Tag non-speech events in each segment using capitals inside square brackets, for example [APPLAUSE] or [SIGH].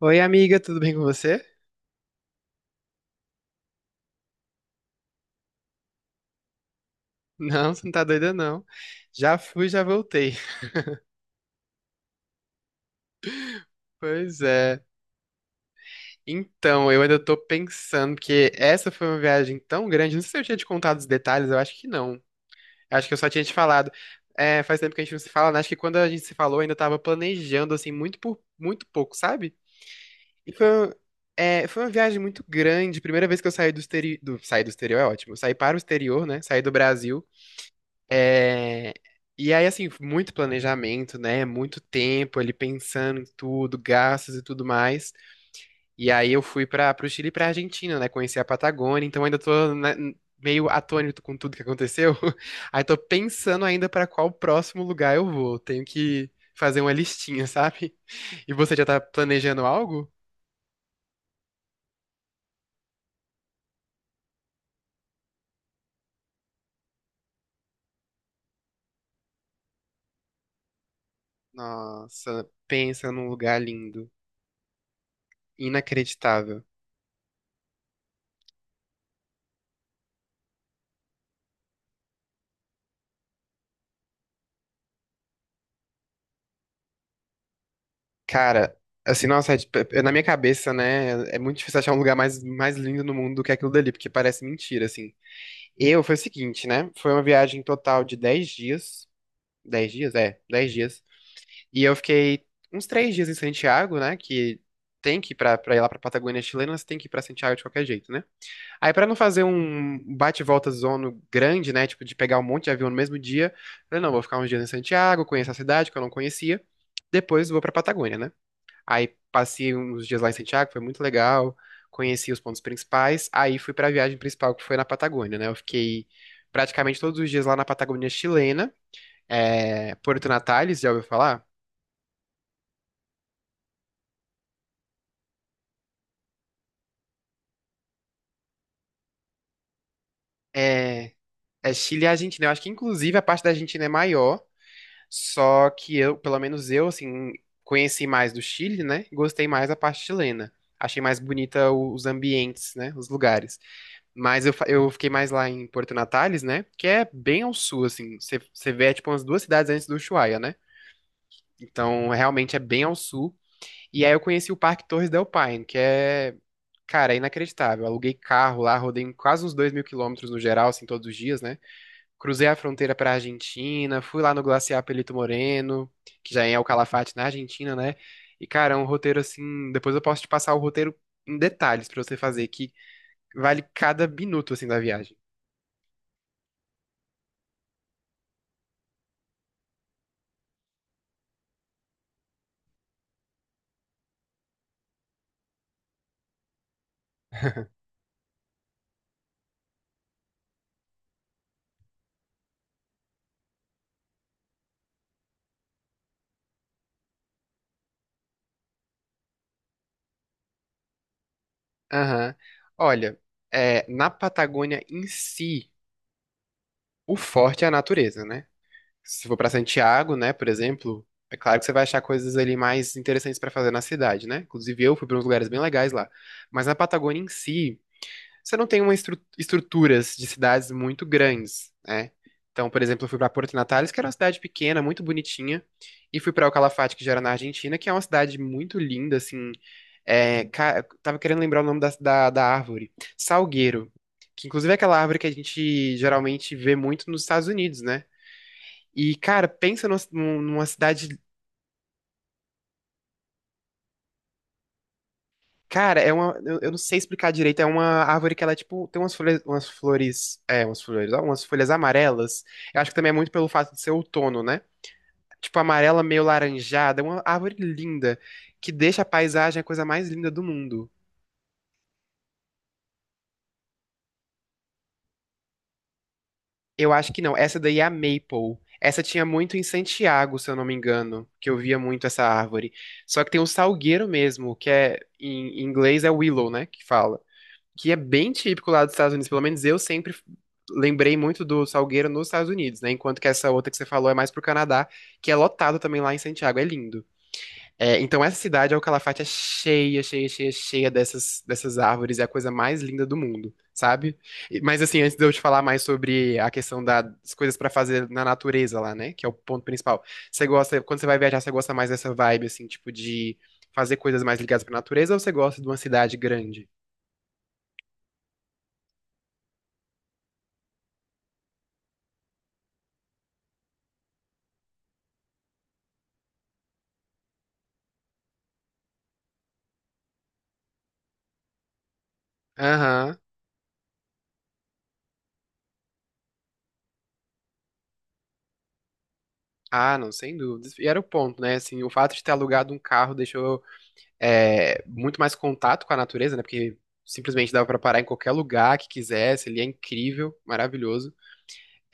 Oi, amiga, tudo bem com você? Não, você não tá doida, não. Já fui, já voltei. [LAUGHS] Pois é. Então, eu ainda tô pensando, porque essa foi uma viagem tão grande. Não sei se eu tinha te contado os detalhes, eu acho que não. Acho que eu só tinha te falado. É, faz tempo que a gente não se fala, né? Acho que quando a gente se falou, eu ainda tava planejando, assim, muito por muito pouco, sabe? E foi uma viagem muito grande. Primeira vez que eu saí do exterior. Saí do exterior é ótimo. Eu saí para o exterior, né? Saí do Brasil. É, E aí, assim, muito planejamento, né? Muito tempo ali pensando em tudo, gastos e tudo mais. E aí eu fui para o Chile e para Argentina, né? Conheci a Patagônia, então ainda tô, né, meio atônito com tudo que aconteceu. [LAUGHS] Aí tô pensando ainda para qual próximo lugar eu vou. Tenho que fazer uma listinha, [LAUGHS] sabe? E você já tá planejando algo? Nossa, pensa num lugar lindo, inacreditável. Cara, assim, nossa, na minha cabeça, né, é muito difícil achar um lugar mais, mais lindo no mundo do que aquilo dali, porque parece mentira, assim. Eu, foi o seguinte, né, foi uma viagem total de 10 dias, 10 dias, é, 10 dias, e eu fiquei uns 3 dias em Santiago, né, que tem que ir pra ir lá pra Patagônia chilena, você tem que ir pra Santiago de qualquer jeito, né. Aí pra não fazer um bate-volta zono grande, né, tipo, de pegar um monte de avião no mesmo dia, eu falei, não, vou ficar uns dias em Santiago, conhecer a cidade que eu não conhecia, depois vou pra Patagônia, né. Aí passei uns dias lá em Santiago, foi muito legal. Conheci os pontos principais. Aí fui pra viagem principal, que foi na Patagônia, né? Eu fiquei praticamente todos os dias lá na Patagônia chilena. É, Porto Natales, já ouviu falar? É, é Chile e Argentina. Eu acho que, inclusive, a parte da Argentina é maior. Só que eu, pelo menos eu, assim, conheci mais do Chile, né? E gostei mais da parte chilena. Achei mais bonita os ambientes, né? Os lugares. Mas eu fiquei mais lá em Porto Natales, né? Que é bem ao sul, assim. Você vê, é, tipo, umas duas cidades antes do Ushuaia, né? Então, realmente é bem ao sul. E aí eu conheci o Parque Torres del Paine, que é, cara, é inacreditável. Eu aluguei carro lá, rodei quase uns 2.000 quilômetros no geral, assim, todos os dias, né? Cruzei a fronteira pra Argentina, fui lá no Glaciar Pelito Moreno, que já é o Calafate na Argentina, né? E, cara, é um roteiro assim. Depois eu posso te passar o roteiro em detalhes pra você fazer, que vale cada minuto, assim, da viagem. [LAUGHS] Aham. Olha, é, na Patagônia em si, o forte é a natureza, né? Se for pra Santiago, né, por exemplo, é claro que você vai achar coisas ali mais interessantes pra fazer na cidade, né? Inclusive eu fui pra uns lugares bem legais lá. Mas na Patagônia em si, você não tem uma estruturas de cidades muito grandes, né? Então, por exemplo, eu fui pra Porto Natales, que era uma cidade pequena, muito bonitinha, e fui pra El Calafate, que já era na Argentina, que é uma cidade muito linda, assim, eu tava querendo lembrar o nome da árvore. Salgueiro. Que inclusive é aquela árvore que a gente geralmente vê muito nos Estados Unidos, né? E, cara, pensa numa cidade. Cara, é uma. Eu não sei explicar direito. É uma árvore que ela, é, tipo, tem umas folhas. Umas flores. É, umas flores. Ó, umas folhas amarelas. Eu acho que também é muito pelo fato de ser outono, né? Tipo, amarela meio laranjada. É uma árvore linda. Que deixa a paisagem a coisa mais linda do mundo. Eu acho que não. Essa daí é a Maple. Essa tinha muito em Santiago, se eu não me engano, que eu via muito essa árvore. Só que tem o salgueiro mesmo, que é em inglês é willow, né, que fala, que é bem típico lá dos Estados Unidos. Pelo menos eu sempre lembrei muito do salgueiro nos Estados Unidos, né? Enquanto que essa outra que você falou é mais pro Canadá, que é lotado também lá em Santiago. É lindo. É, então essa cidade, é o Calafate, é cheia, cheia, cheia, cheia dessas árvores. É a coisa mais linda do mundo, sabe? Mas assim, antes de eu te falar mais sobre a questão das coisas pra fazer na natureza lá, né? Que é o ponto principal. Você gosta, quando você vai viajar, você gosta mais dessa vibe, assim, tipo de fazer coisas mais ligadas pra natureza ou você gosta de uma cidade grande? Aham. Ah, não, sem dúvidas. E era o ponto, né? Assim, o fato de ter alugado um carro deixou é, muito mais contato com a natureza, né? Porque simplesmente dava pra parar em qualquer lugar que quisesse, ele é incrível, maravilhoso.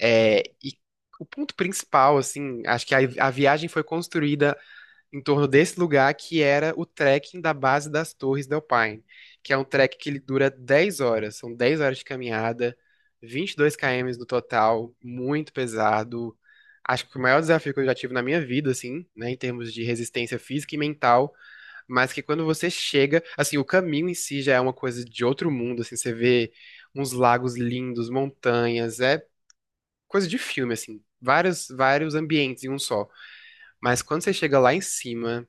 É, e o ponto principal, assim, acho que a viagem foi construída em torno desse lugar que era o trekking da base das Torres del Paine, que é um trek que ele dura 10 horas, são 10 horas de caminhada, 22 km no total, muito pesado. Acho que o maior desafio que eu já tive na minha vida, assim, né, em termos de resistência física e mental, mas que quando você chega, assim, o caminho em si já é uma coisa de outro mundo, assim, você vê uns lagos lindos, montanhas, é coisa de filme, assim, vários, vários ambientes em um só. Mas quando você chega lá em cima,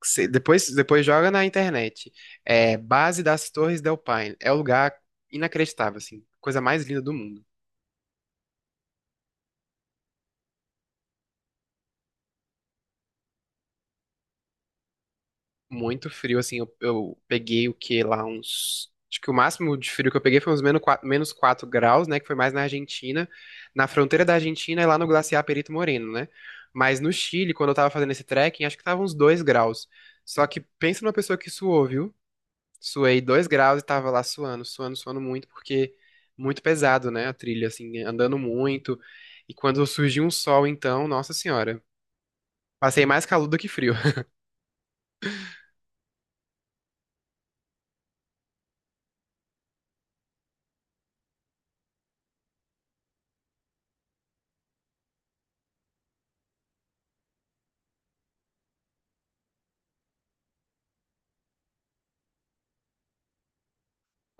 que depois joga na internet, é Base das Torres del Paine, é um lugar inacreditável, assim, coisa mais linda do mundo. Muito frio, assim, eu peguei o que lá uns. Acho que o máximo de frio que eu peguei foi uns menos quatro graus, né? Que foi mais na Argentina, na fronteira da Argentina e lá no glaciar Perito Moreno, né? Mas no Chile, quando eu tava fazendo esse trekking, acho que tava uns 2 graus. Só que pensa numa pessoa que suou, viu? Suei 2 graus e tava lá suando, suando, suando muito, porque muito pesado, né? A trilha, assim, andando muito. E quando surgiu um sol, então, nossa senhora, passei mais calor do que frio.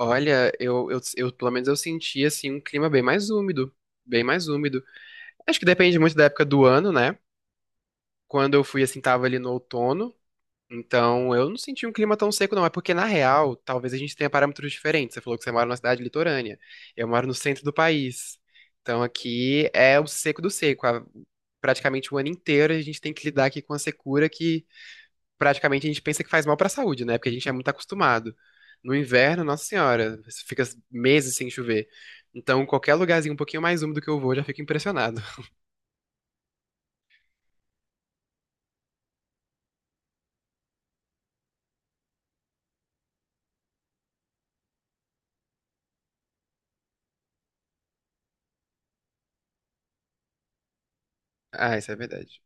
Olha, eu pelo menos eu senti assim um clima bem mais úmido, bem mais úmido. Acho que depende muito da época do ano, né? Quando eu fui assim tava ali no outono, então eu não senti um clima tão seco não, é porque na real, talvez a gente tenha parâmetros diferentes. Você falou que você mora numa cidade litorânea, eu moro no centro do país. Então aqui é o seco do seco, praticamente o ano inteiro a gente tem que lidar aqui com a secura que praticamente a gente pensa que faz mal pra saúde, né? Porque a gente é muito acostumado. No inverno, nossa senhora, você fica meses sem chover. Então, qualquer lugarzinho um pouquinho mais úmido que eu vou, eu já fico impressionado. [LAUGHS] Ah, isso é verdade.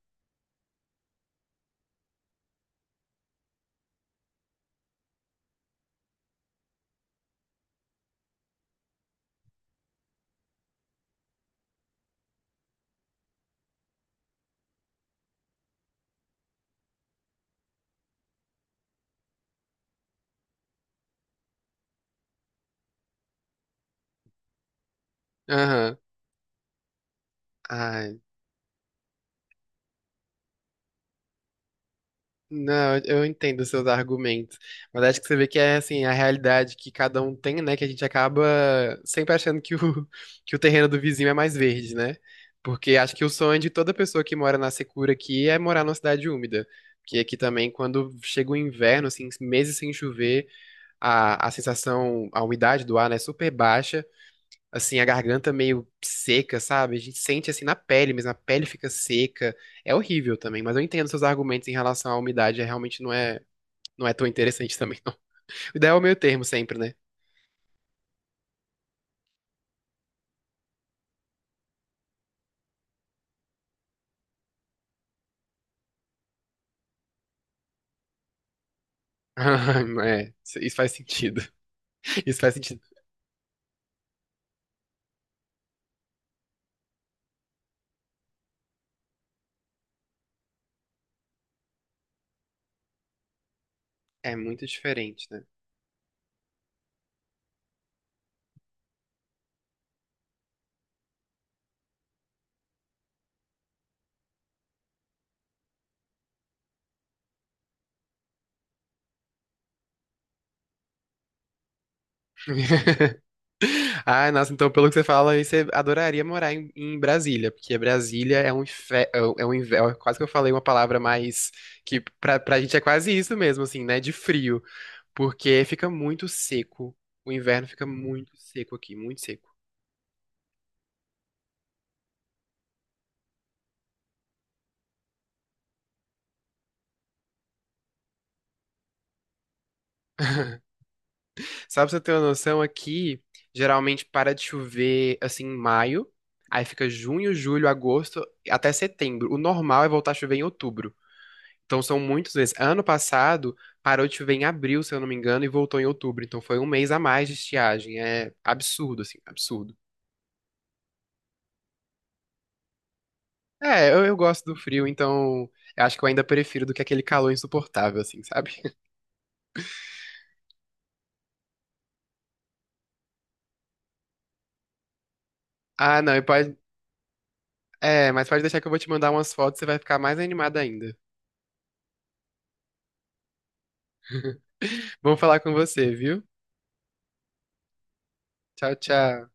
Aham. Ah, não, eu entendo os seus argumentos, mas acho que você vê que é assim a realidade que cada um tem, né? Que a gente acaba sempre achando que [LAUGHS] que o terreno do vizinho é mais verde, né? Porque acho que o sonho de toda pessoa que mora na secura aqui é morar numa cidade úmida. Porque aqui também, quando chega o inverno, assim, meses sem chover, a sensação, a umidade do ar, né, é super baixa assim, a garganta meio seca, sabe? A gente sente assim na pele, mas a pele fica seca. É horrível também, mas eu entendo seus argumentos em relação à umidade, é, realmente não é, não é tão interessante [LAUGHS] também, não. O ideal é o meio termo sempre, né? [LAUGHS] É, isso faz sentido. [LAUGHS] Isso faz sentido. É muito diferente, né? [LAUGHS] Ah, nossa, então pelo que você fala, aí você adoraria morar em, em Brasília, porque Brasília é um, é um é. Quase que eu falei uma palavra mais que, pra pra gente, é quase isso mesmo, assim, né? De frio. Porque fica muito seco. O inverno fica muito seco aqui, muito seco. [LAUGHS] Só pra você ter uma noção, aqui geralmente para de chover assim em maio, aí fica junho, julho, agosto até setembro. O normal é voltar a chover em outubro. Então são muitos meses. Ano passado parou de chover em abril, se eu não me engano, e voltou em outubro. Então foi um mês a mais de estiagem. É absurdo, assim, absurdo. É, eu gosto do frio, então eu acho que eu ainda prefiro do que aquele calor insuportável, assim, sabe? [LAUGHS] Ah, não, mas pode deixar que eu vou te mandar umas fotos, você vai ficar mais animada ainda. [LAUGHS] Bom falar com você, viu? Tchau, tchau.